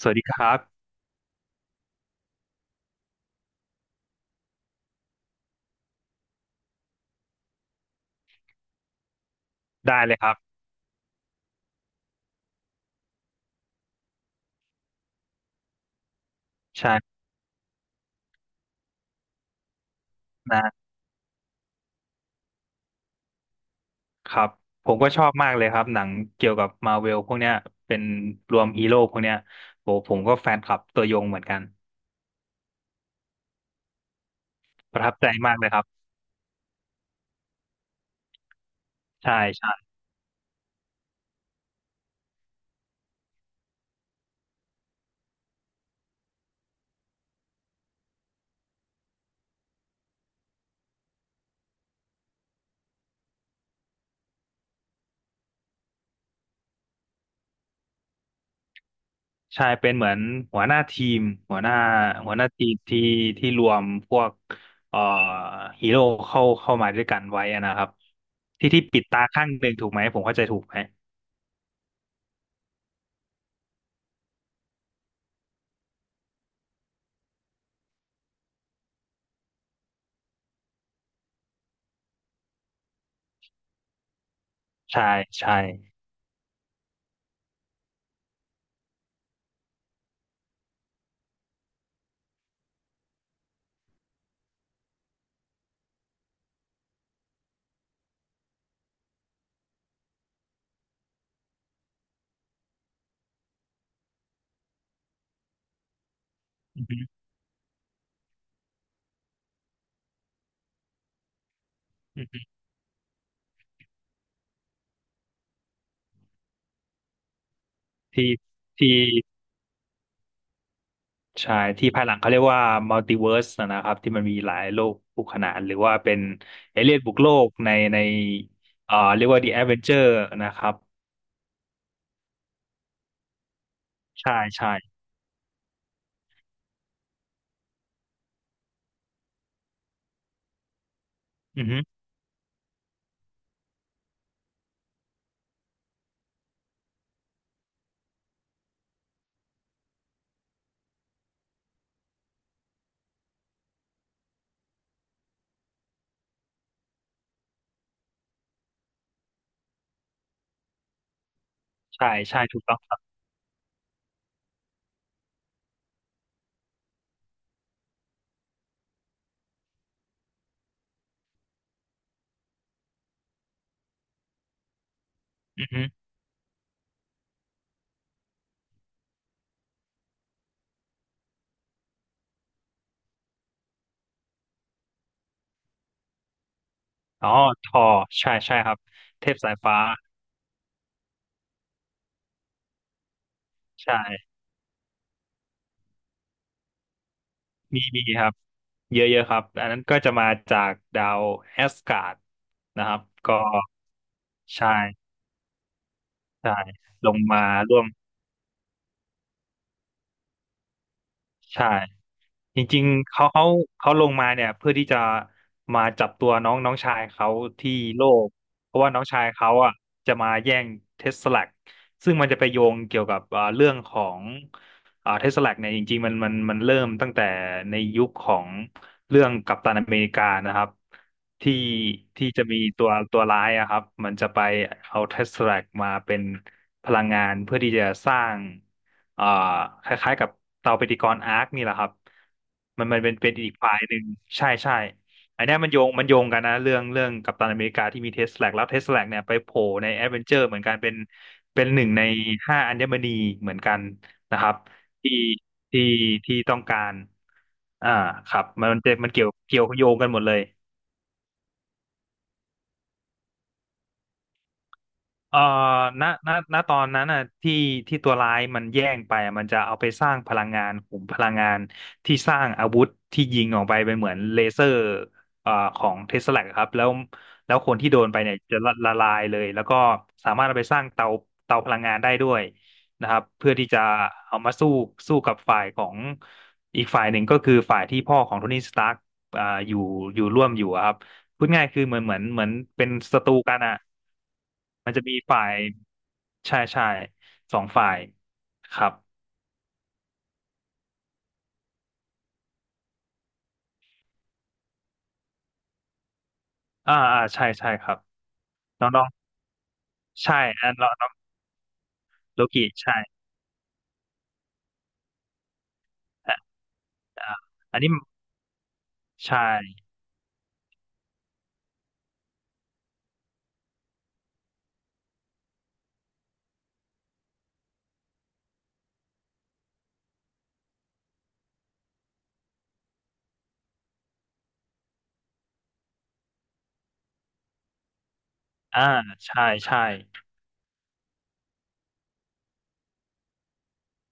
สวัสดีครับได้เลยครับใช่นะครับผมก็ชอบมากเลยครับหนังเกี่ยวกับมาเวลพวกเนี้ยเป็นรวมฮีโร่พวกเนี้ยโหผมก็แฟนคลับตัวยงเหมือนกันประทับใจมากเลยครับใช่ใช่ใช่เป็นเหมือนหัวหน้าทีมหัวหน้าหัวหน้าทีมที่รวมพวกเอ่อฮีโร่เข้ามาด้วยกันไว้อะนะครับที่ปิดตาข้างหนึ่งถูกไหมผมเข้าใจถูกไหมใช่ใช่อือฮึอือฮึที่ที่ ใช่ที่ภายหลังเขาเรียกว่ามัลติเวิร์สนะครับที่มันมีหลายโลกคู่ขนานหรือว่าเป็นเอเลี่ยนบุกโลกในเรียกว่า The Avenger นะครับใช่ใช่อือฮึใช่ใช่ถูกต้องครับอือฮึอ๋อทอใช่ใช่ครับเทพสายฟ้าใช่มีครับเยอะเยอะครับอันนั้นก็จะมาจากดาวแอสการ์ดนะครับก็ใช่ใช่ลงมาร่วมใช่ จริงๆเขาลงมาเนี่ยเพื่อที่จะมาจับตัวน้องน้องชายเขาที่โลกเพราะว่าน้องชายเขาอ่ะจะมาแย่งเทสลาซึ่งมันจะไปโยงเกี่ยวกับเรื่องของเทสลาเนี่ยจริงๆมันเริ่มตั้งแต่ในยุคของเรื่องกัปตันอเมริกานะครับที่ที่จะมีตัวร้ายอะครับมันจะไปเอาเทสลามาเป็นพลังงานเพื่อที่จะสร้าง อ่าคล้ายๆกับเตาปฏิกรณ์อาร์คนี่แหละครับมันเป็นอีกฝ่ายหนึ่งใช่ใช่อันเนี้ยมันโยงมันโยงกันนะเรื่องกัปตันอเมริกาที่มีเทสแลกแล้วเทสแลกเนี่ยไปโผล่ในแอดเวนเจอร์เหมือนกันเป็นเป็นหนึ่งในห้าอัญมณีเหมือนกันนะครับที่ที่ที่ต้องการอ่าครับมันมันจะมันเกี่ยวเกี่ยวโยงกันหมดเลย เอ่อณณณตอนนั้นน่ะที่ที่ตัวร้ายมันแย่งไปอะมันจะเอาไปสร้างพลังงานขุมพลังงานที่สร้างอาวุธที่ยิงออกไปเป็นเหมือนเลเซอร์เอ่อของเทสลาครับแล้วคนที่โดนไปเนี่ยจะละลายเลยแล้วก็สามารถเอาไปสร้างเตาพลังงานได้ด้วยนะครับเพื่อที่จะเอามาสู้กับฝ่ายของอีกฝ่ายหนึ่งก็คือฝ่ายที่พ่อของโทนี่สตาร์กอยู่อยู่ร่วมอยู่อะครับพูดง่ายคือเหมือนเป็นศัตรูกันอะ มันจะมีฝ่ายใช่ใช่สองฝ่ายครับอ่าอ่าใช่ใช่ครับน้องนองใช่อันององโลกิใช่อ่าอ่าอันนี้ใช่อ่าใช่ใช่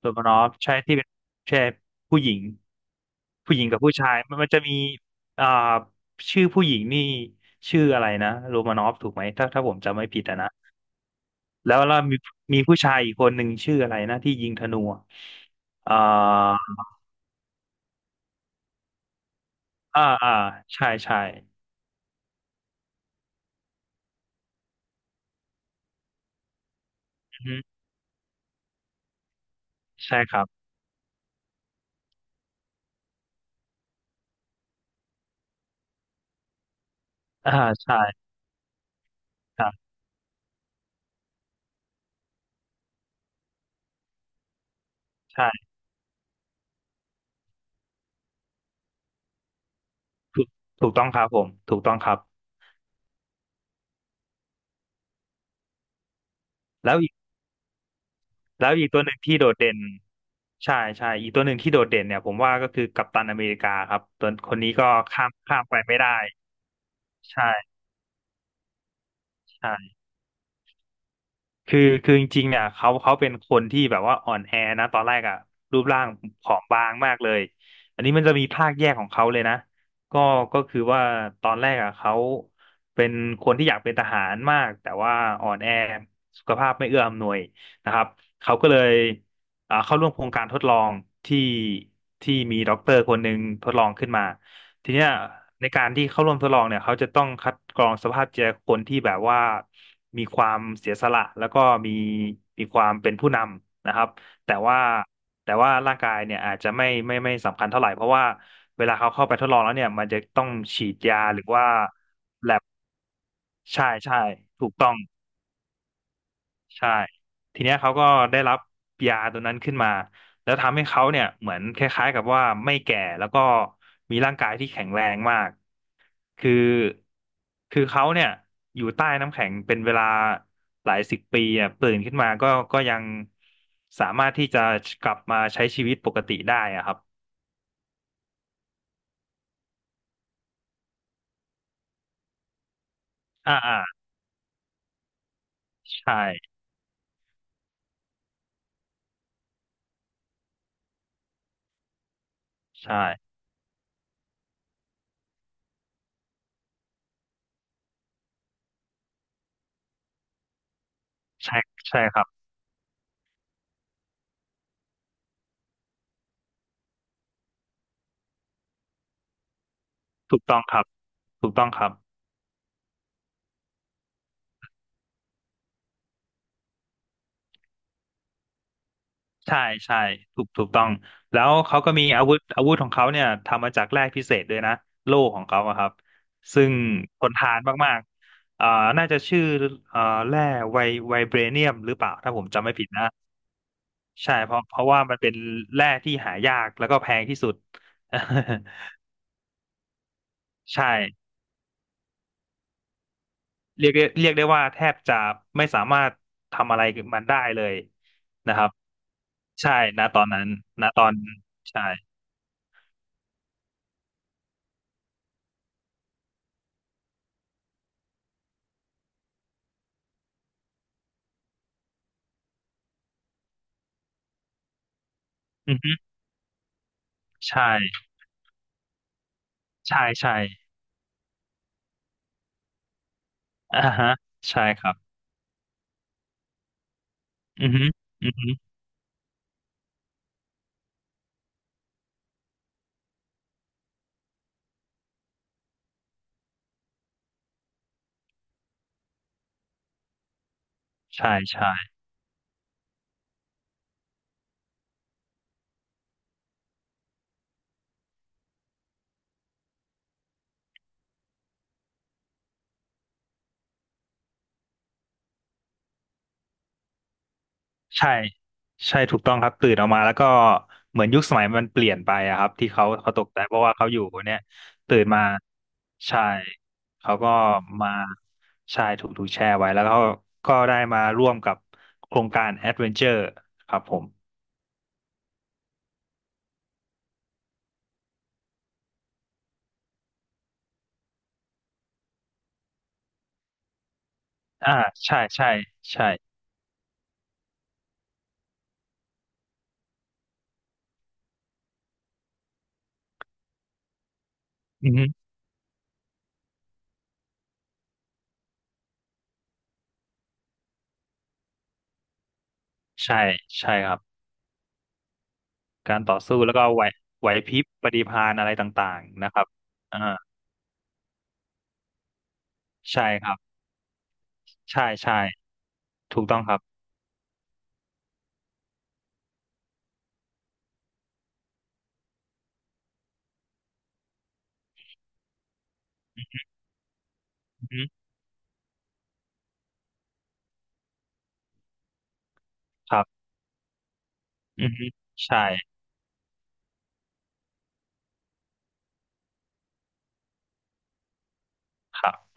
โรมานอฟใช่ที่เป็นใช่ผู้หญิงผู้หญิงกับผู้ชายมันจะมีอ่าชื่อผู้หญิงนี่ชื่ออะไรนะโรมานอฟถูกไหมถ้าผมจำไม่ผิดอะนะแล้วมีผู้ชายอีกคนหนึ่งชื่ออะไรนะที่ยิงธนูอะอ่าอ่าอ่าใช่ใช่ อืมใช่ครับอ่าใช่ครับใช่ถูกถูกต้องครับผม ถูกต้องครับ แล้วอีกแล้วอีกตัวหนึ่งที่โดดเด่นใช่ใช่ อีกตัวหนึ่งที่โดดเด่นเนี่ย ผมว่าก็คือกัปตันอเมริกาครับ ตัวคนนี้ก็ข้ามไปไม่ได้ใช่ใช่ คือจริงๆเนี่ยเขาเป็นคนที่แบบว่าอ่อนแอนะตอนแรกอะรูปร่างผอมบางมากเลยอันนี้มันจะมีภาคแยกของเขาเลยนะก็ก็คือว่าตอนแรกอะเขาเป็นคนที่อยากเป็นทหารมากแต่ว่าอ่อนแอสุขภาพไม่เอื้ออำนวยนะครับเขาก็เลยเข้าร่วมโครงการทดลองที่ที่มีด็อกเตอร์คนหนึ่งทดลองขึ้นมา ทีเนี้ยในการที่เข้าร่วมทดลองเนี่ยเขาจะต้องคัดกรองสภาพจิตใจคนที่แบบว่ามีความเสียสละแล้วก็มีมีความเป็นผู้นำนะครับแต่ว่าแต่ว่าร่างกายเนี่ยอาจจะไม่สำคัญเท่าไหร่เพราะว่าเวลาเขาเข้าไปทดลองแล้วเนี่ยมันจะต้องฉีดยาหรือว่าใช่ใช่ถูกต้อง ใช่ทีเนี้ยเขาก็ได้รับยาตัวนั้นขึ้นมาแล้วทำให้เขาเนี่ยเหมือนคล้ายๆกับว่าไม่แก่แล้วก็มีร่างกายที่แข็งแรงมากคือคือเขาเนี่ยอยู่ใต้น้ำแข็งเป็นเวลาหลายสิบปีอ่ะตื่นขึ้นมาก็ยังสามารถที่จะกลับมาใช้ชีวิตปกติได้อะครับอ่าอ่าใช่ใช่ใช่ใช่ครับถูกต้องครับถูกต้องครับ ใช่ใช่ถูกถูกต้องแล้วเขาก็มีอาวุธของเขาเนี่ยทำมาจากแร่พิเศษด้วยนะโล่ของเขาอะครับซึ่งทนทานมากๆอ่าน่าจะชื่ออ่าแร่ไวไวเบรเนียมหรือเปล่าถ้าผมจำไม่ผิดนะใช่เพราะว่ามันเป็นแร่ที่หายากแล้วก็แพงที่สุด ใช่เรียกได้ว่าแทบจะไม่สามารถทำอะไรกัมันได้เลยนะครับใช่ณตอนนั้นใช่อือฮึใช่ใช่ใช่ อ่าฮะใช่ครับอือฮึอือฮึใช่ใช่ใช่ใช่ถูกต้องครับตื่นออกมาแล้วก็เหมือนยุคสมัยมันเปลี่ยนไปอะครับที่เขาเขาตกใจเพราะว่าเขาอยู่เนี่ยตื่นมาใช่เขาก็มาใช่ถูกถูกแชร์ไว้แล้วเขาก็ได้มาร่วมกับโครงการแอดเวนเจอร์ครับผมอ่าใช่ใช่ใช่อือฮึใช่ใช่ครับการต่อสู้แล้วก็ไหวพริบปฏิภาณอะไรต่างๆนะครับอ่าใช่ครับใช่ใช่ ถูกต้องครับอือฮึครับอือฮึใช่ครับ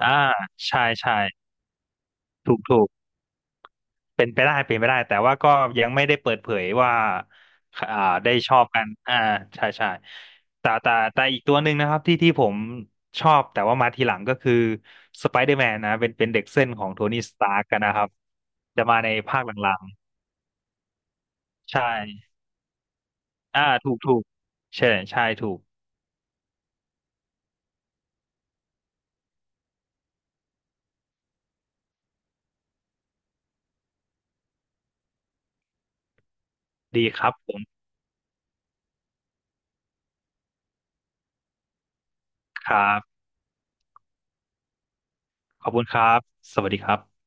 อ่าใช่ ใช่ ถูกถูกเป็นไปได้เป็นไปได้ แต่ว่าก็ยังไม่ได้เปิดเผยว่าอ่าได้ชอบกันอ่าใช่ใช่แต่แต่แต่อีกตัวหนึ่งนะครับที่ผมชอบแต่ว่ามาทีหลังก็คือสไปเดอร์แมนนะเป็นเด็กเส้นของโทนี่สตาร์กกันนะครับ จะมาในภาคหลังๆ ใช่อ่าถูกถูกใช่ใช่ถูก ดีครับผมครับขอบคุณครับ สวัสดีครับ